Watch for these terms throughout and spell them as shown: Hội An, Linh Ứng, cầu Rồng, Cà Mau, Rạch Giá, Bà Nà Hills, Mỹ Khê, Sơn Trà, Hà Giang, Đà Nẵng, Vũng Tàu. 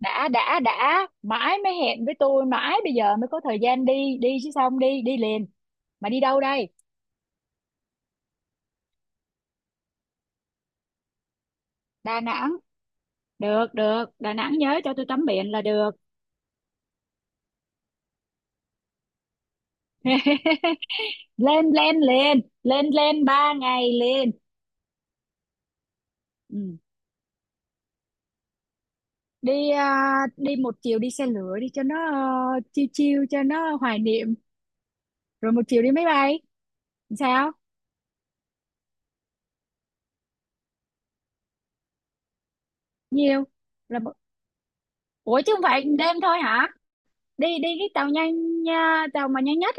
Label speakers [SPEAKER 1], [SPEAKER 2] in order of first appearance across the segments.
[SPEAKER 1] Đã mãi mới hẹn với tôi, mãi bây giờ mới có thời gian, đi đi chứ sao không đi đi liền? Mà đi đâu đây? Đà Nẵng, được được Đà Nẵng, nhớ cho tôi tắm biển là được. lên lên lên lên lên 3 ngày liền. Ừ. Đi à, đi một chiều đi xe lửa đi cho nó chiêu chiêu cho nó hoài niệm, rồi một chiều đi máy bay, sao? Nhiều là một... Ủa chứ không phải đêm thôi hả? Đi đi cái tàu nhanh nha, tàu mà nhanh nhất.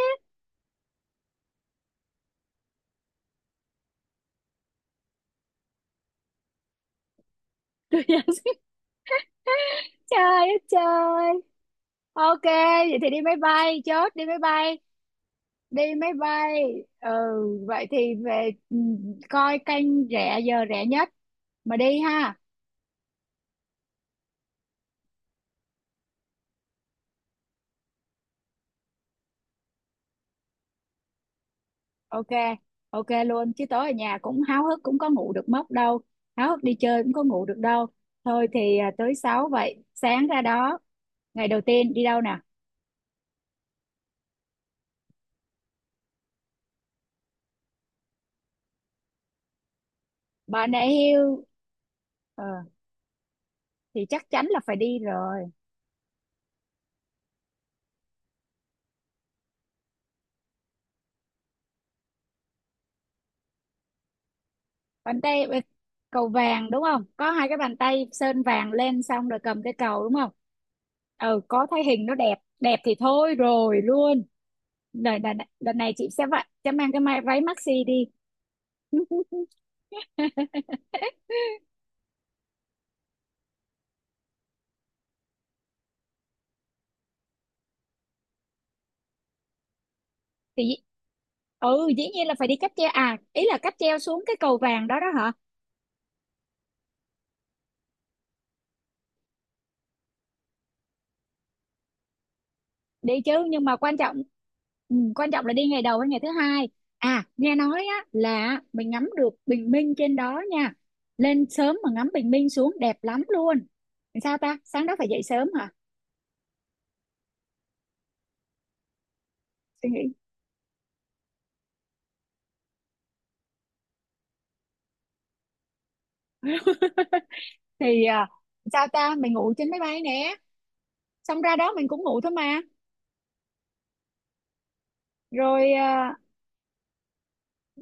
[SPEAKER 1] Trời ơi trời. Ok, vậy thì đi máy bay, chốt đi máy bay, đi máy bay. Ừ, vậy thì về, coi kênh rẻ, giờ rẻ nhất mà đi ha. Ok, ok luôn. Chứ tối ở nhà cũng háo hức cũng có ngủ được mất đâu. Háo hức đi chơi cũng có ngủ được đâu. Thôi thì tới 6 vậy, sáng ra đó. Ngày đầu tiên đi đâu nè? Bà nãy yêu, ờ, thì chắc chắn là phải đi rồi. Bàn tay, cầu vàng đúng không, có hai cái bàn tay sơn vàng lên xong rồi cầm cái cầu đúng không? Ừ, có thấy hình nó đẹp, đẹp thì thôi rồi luôn. Đợt, đợt, đợt này chị sẽ vậy, sẽ mang cái váy maxi đi. Thì ừ, dĩ nhiên là phải đi cáp treo, à ý là cáp treo xuống cái cầu vàng đó đó hả? Đi chứ, nhưng mà quan trọng, ừ, quan trọng là đi ngày đầu hay ngày thứ hai. À nghe nói á, là mình ngắm được bình minh trên đó nha, lên sớm mà ngắm bình minh xuống đẹp lắm luôn. Sao ta, sáng đó phải dậy sớm hả? Suy nghĩ. Thì sao ta, mình ngủ trên máy bay nè, xong ra đó mình cũng ngủ thôi mà. Rồi à,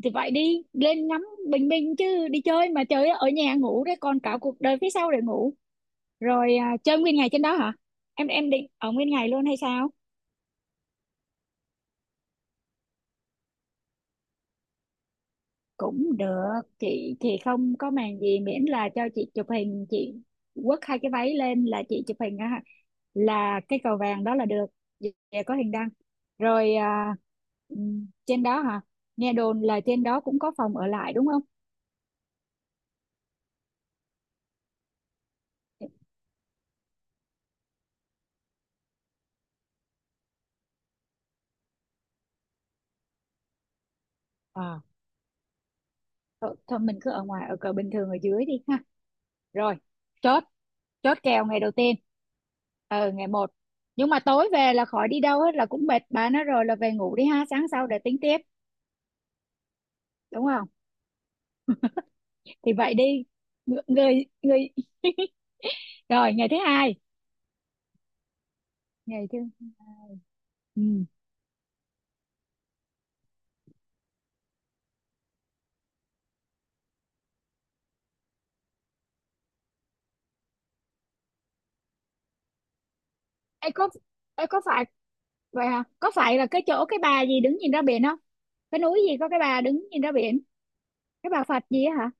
[SPEAKER 1] thì vậy đi lên ngắm bình minh chứ đi chơi mà chơi ở nhà ngủ đấy, còn cả cuộc đời phía sau để ngủ. Rồi à, chơi nguyên ngày trên đó hả? Em định ở nguyên ngày luôn hay sao? Cũng được, chị thì không có màng gì, miễn là cho chị chụp hình, chị quất hai cái váy lên là chị chụp hình á, là cái cầu vàng đó là được, về có hình đăng. Rồi à, trên đó hả? Nghe đồn là trên đó cũng có phòng ở lại đúng không? À, thôi, thôi mình cứ ở ngoài, ở cờ bình thường, ở dưới đi ha. Rồi chốt, chốt kèo ngày đầu tiên. Ờ ngày một, nhưng mà tối về là khỏi đi đâu hết, là cũng mệt bà nó rồi, là về ngủ đi ha, sáng sau để tính tiếp, đúng không? Thì vậy đi. Người người. Rồi ngày thứ hai. Ngày thứ ừ. Ê, có Ê, có phải vậy hả, có phải là cái chỗ cái bà gì đứng nhìn ra biển không? Cái núi gì có cái bà đứng nhìn ra biển? Cái bà Phật gì á hả?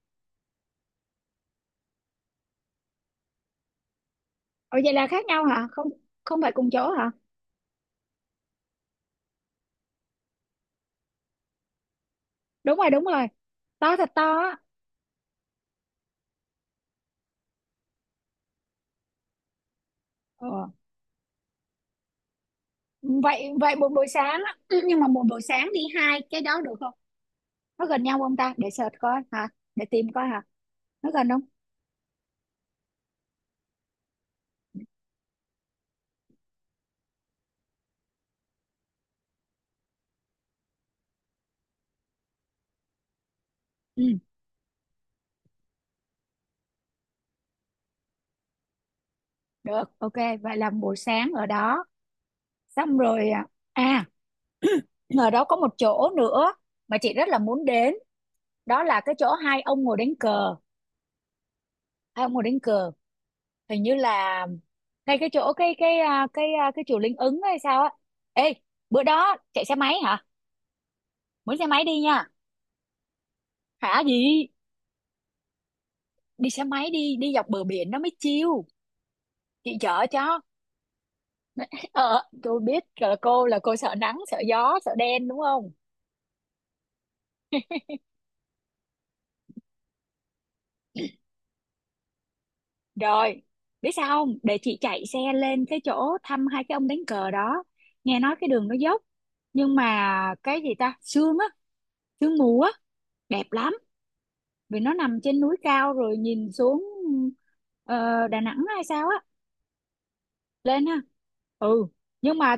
[SPEAKER 1] Ồ vậy là khác nhau hả? Không, không phải cùng chỗ hả? Đúng rồi, đúng rồi, to thật to á. Ờ. Vậy vậy một buổi sáng á, nhưng mà một buổi sáng đi hai cái đó được không? Nó gần nhau không ta, để search coi hả, để tìm coi hả? Nó gần không? Ừ được, ok. Vậy là buổi sáng ở đó, xong rồi à, à, ở đó có một chỗ nữa mà chị rất là muốn đến, đó là cái chỗ hai ông ngồi đánh cờ, hai ông ngồi đánh cờ, hình như là ngay cái chỗ cái chùa Linh Ứng hay sao á. Ê, bữa đó chạy xe máy hả, mướn xe máy đi nha. Hả gì? Đi xe máy đi, đi dọc bờ biển nó mới chill, chị chở cho. Ờ tôi biết là cô, là cô sợ nắng sợ gió sợ đen đúng không? Rồi, biết sao không? Để chị chạy xe lên cái chỗ thăm hai cái ông đánh cờ đó. Nghe nói cái đường nó dốc. Nhưng mà cái gì ta? Sương á, sương mù á, đẹp lắm. Vì nó nằm trên núi cao rồi nhìn xuống, ờ, Đà Nẵng hay sao á. Lên ha. Ừ, nhưng mà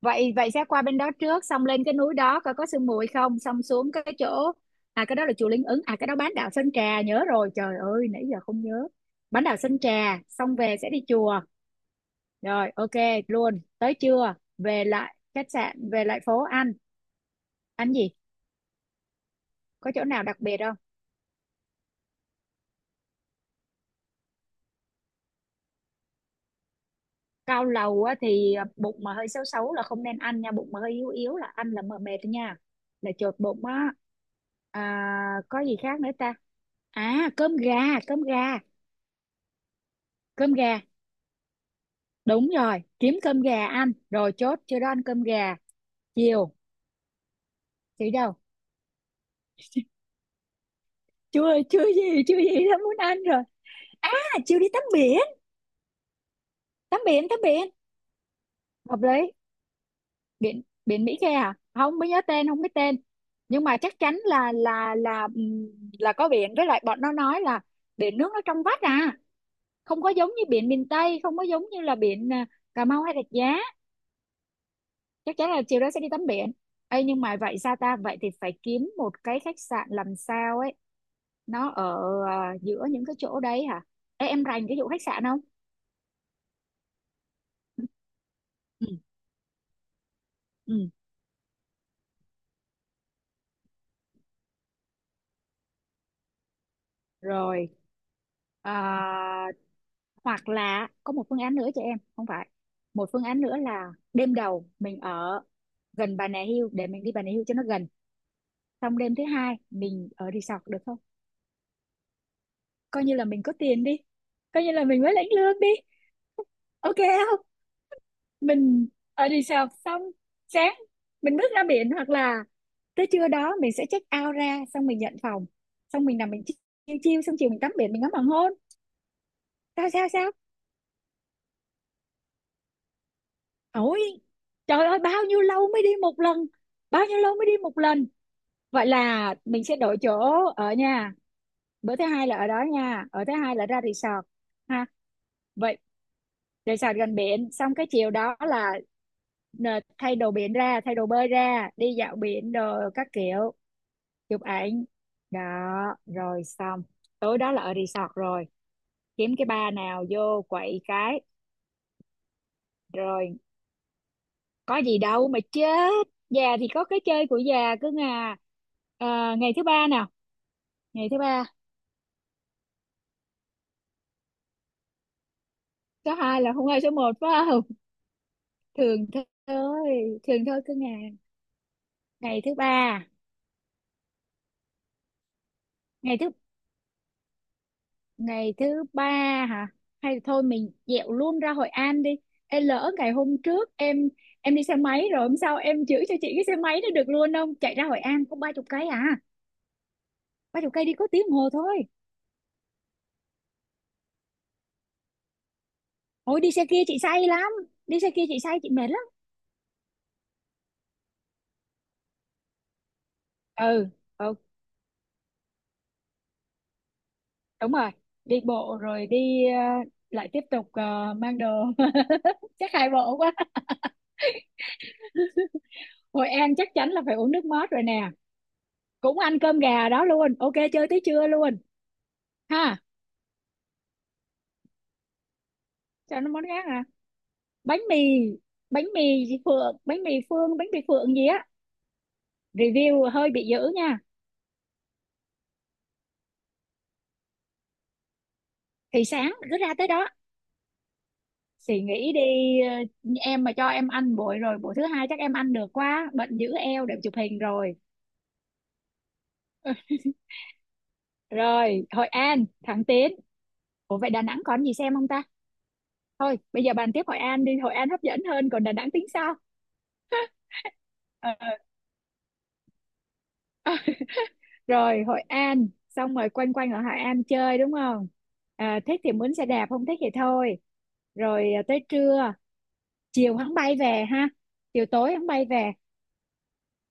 [SPEAKER 1] vậy, vậy sẽ qua bên đó trước, xong lên cái núi đó coi có sương mù hay không, xong xuống cái chỗ, à cái đó là chùa Linh Ứng, à cái đó bán đảo Sơn Trà, nhớ rồi, trời ơi nãy giờ không nhớ. Bán đảo Sơn Trà, xong về sẽ đi chùa. Rồi ok luôn, tới trưa về lại khách sạn, về lại phố ăn. Ăn gì, có chỗ nào đặc biệt không? Cao lầu á, thì bụng mà hơi xấu xấu là không nên ăn nha, bụng mà hơi yếu yếu là ăn là mờ mệt nha, là chột bụng á. À, có gì khác nữa ta? À cơm gà, cơm gà, cơm gà. Đúng rồi kiếm cơm gà ăn, rồi chốt chưa đó, ăn cơm gà. Chiều chị đâu, chưa chưa gì chưa gì đã muốn ăn rồi. À chiều đi tắm biển, tắm biển, tắm biển. Hợp lý. Biển biển Mỹ Khê, à không mới nhớ tên, không biết tên, nhưng mà chắc chắn là là là có biển, với lại bọn nó nói là biển nước nó trong vắt à không có giống như biển miền Tây, không có giống như là biển, à, Cà Mau hay Rạch Giá. Chắc chắn là chiều đó sẽ đi tắm biển. Ê, nhưng mà vậy sao ta, vậy thì phải kiếm một cái khách sạn làm sao ấy, nó ở, à, giữa những cái chỗ đấy hả? Ê, em rành cái vụ khách sạn không? Ừ. Ừ. Rồi à, hoặc là có một phương án nữa cho em, không phải, một phương án nữa là đêm đầu mình ở gần Bà Nà Hills để mình đi Bà Nà Hills cho nó gần, xong đêm thứ hai mình ở resort được không? Coi như là mình có tiền đi, coi như là mình mới lãnh lương đi, ok không? Mình ở resort, xong sáng mình bước ra biển, hoặc là tới trưa đó mình sẽ check out ra, xong mình nhận phòng, xong mình nằm mình chiêu chiêu, xong chiều mình tắm biển, mình ngắm hoàng hôn, sao sao sao? Ôi trời ơi, bao nhiêu lâu mới đi một lần, bao nhiêu lâu mới đi một lần. Vậy là mình sẽ đổi chỗ ở nha, bữa thứ hai là ở đó nha, ở thứ hai là ra resort ha. Vậy resort gần biển, xong cái chiều đó là, nè, thay đồ biển ra, thay đồ bơi ra, đi dạo biển đồ các kiểu, chụp ảnh, đó rồi xong. Tối đó là ở resort rồi, kiếm cái bar nào vô quậy cái. Rồi có gì đâu mà chết, già thì có cái chơi của già, cứ ngà. Ờ, ngày thứ ba nào, ngày thứ ba. Số hai là không ai số một phải không? Thường thôi, thường thôi, cứ ngà. Ngày thứ ba. ngày thứ ngày thứ ba. Hả, hay thôi mình dẹo luôn ra Hội An đi. Ê, lỡ ngày hôm trước em đi xe máy rồi, hôm sau em chữa cho chị cái xe máy nó được luôn không, chạy ra Hội An có 30 cây à, 30 cây đi có tiếng đồng hồ thôi. Ôi đi xe kia chị say lắm, đi xe kia chị say chị mệt lắm. Ừ ừ. Đúng rồi, đi bộ rồi đi, lại tiếp tục, mang đồ. Chắc hai bộ quá. Hội An chắc chắn là phải uống nước mót rồi nè, cũng ăn cơm gà đó luôn, ok chơi tới trưa luôn. Ha cho nó món khác, bánh mì, bánh mì gì phượng, bánh mì phương, bánh mì phượng gì á, review hơi bị dữ nha. Thì sáng cứ ra tới đó thì nghĩ đi. Ờ, em mà cho em ăn buổi rồi buổi thứ hai chắc em ăn được quá, bệnh giữ eo để chụp hình rồi. Rồi Hội An thẳng tiến. Ủa vậy Đà Nẵng còn gì xem không ta? Thôi bây giờ bàn tiếp Hội An đi, Hội An hấp dẫn hơn, còn Đà Nẵng tính sau. Ờ, rồi Hội An xong rồi quanh quanh ở Hội An chơi đúng không? À, thích thì mướn xe đạp, không thích thì thôi. Rồi à, tới trưa, chiều hắn bay về ha, chiều tối hắn bay về.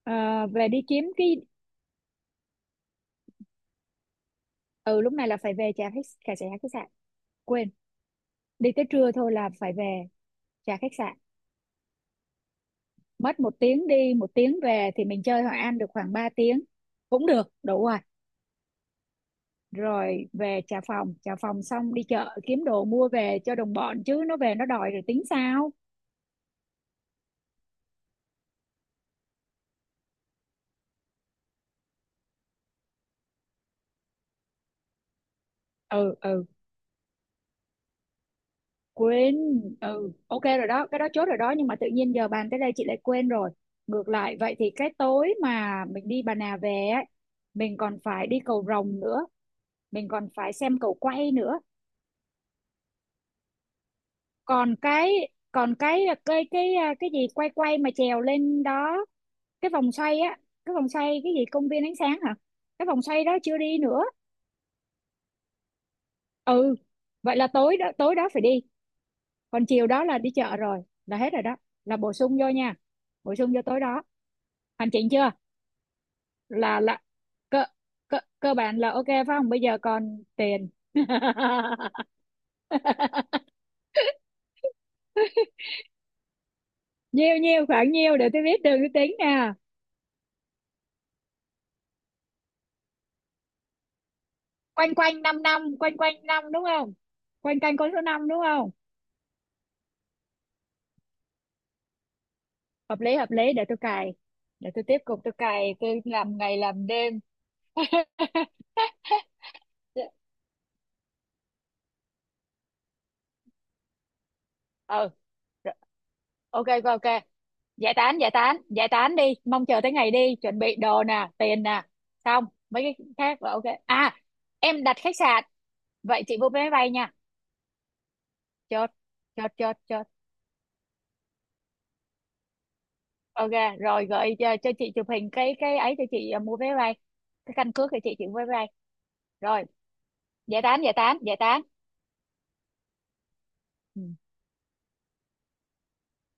[SPEAKER 1] Ờ, về đi kiếm cái. Ừ lúc này là phải về trả khách, trả trả khách sạn, quên, đi tới trưa thôi là phải về trả khách sạn. Mất 1 tiếng đi 1 tiếng về thì mình chơi Hội An được khoảng 3 tiếng, cũng được đủ rồi. Rồi về trả phòng, trả phòng xong đi chợ kiếm đồ mua về cho đồng bọn, chứ nó về nó đòi rồi tính sao. Ừ ừ quên. Ừ ok rồi đó, cái đó chốt rồi đó, nhưng mà tự nhiên giờ bàn tới đây chị lại quên rồi. Ngược lại vậy thì cái tối mà mình đi Bà Nà về ấy, mình còn phải đi cầu Rồng nữa, mình còn phải xem cầu quay nữa. Còn cái, cái gì quay quay mà trèo lên đó, cái vòng xoay á, cái vòng xoay cái gì công viên ánh sáng hả, cái vòng xoay đó chưa đi nữa. Ừ vậy là tối đó, tối đó phải đi, còn chiều đó là đi chợ rồi, là hết rồi đó, là bổ sung vô nha, bổ sung vô tối đó. Hoàn chỉnh chưa? Là là cơ cơ cơ bản là ok phải không, bây giờ còn tiền. nhiêu nhiêu khoảng nhiêu để tôi biết đường tôi tính nè. Quanh quanh năm, năm quanh quanh năm đúng không, quanh quanh con số năm đúng không? Hợp lý hợp lý, để tôi cài, để tôi tiếp tục tôi cài, tôi làm ngày làm đêm. Ừ rồi, ok ok ok, giải tán giải tán giải tán đi, mong chờ tới ngày đi, chuẩn bị đồ nè tiền nè, xong mấy cái khác là ok à. Em đặt khách sạn, vậy chị mua vé máy bay nha. Chốt chốt chốt chốt ok. Rồi gửi cho chị chụp hình cái ấy cho chị, à, mua vé máy bay, cái căn cước cho chị mua vé máy bay. Rồi giải tán giải tán giải tán. Ừ.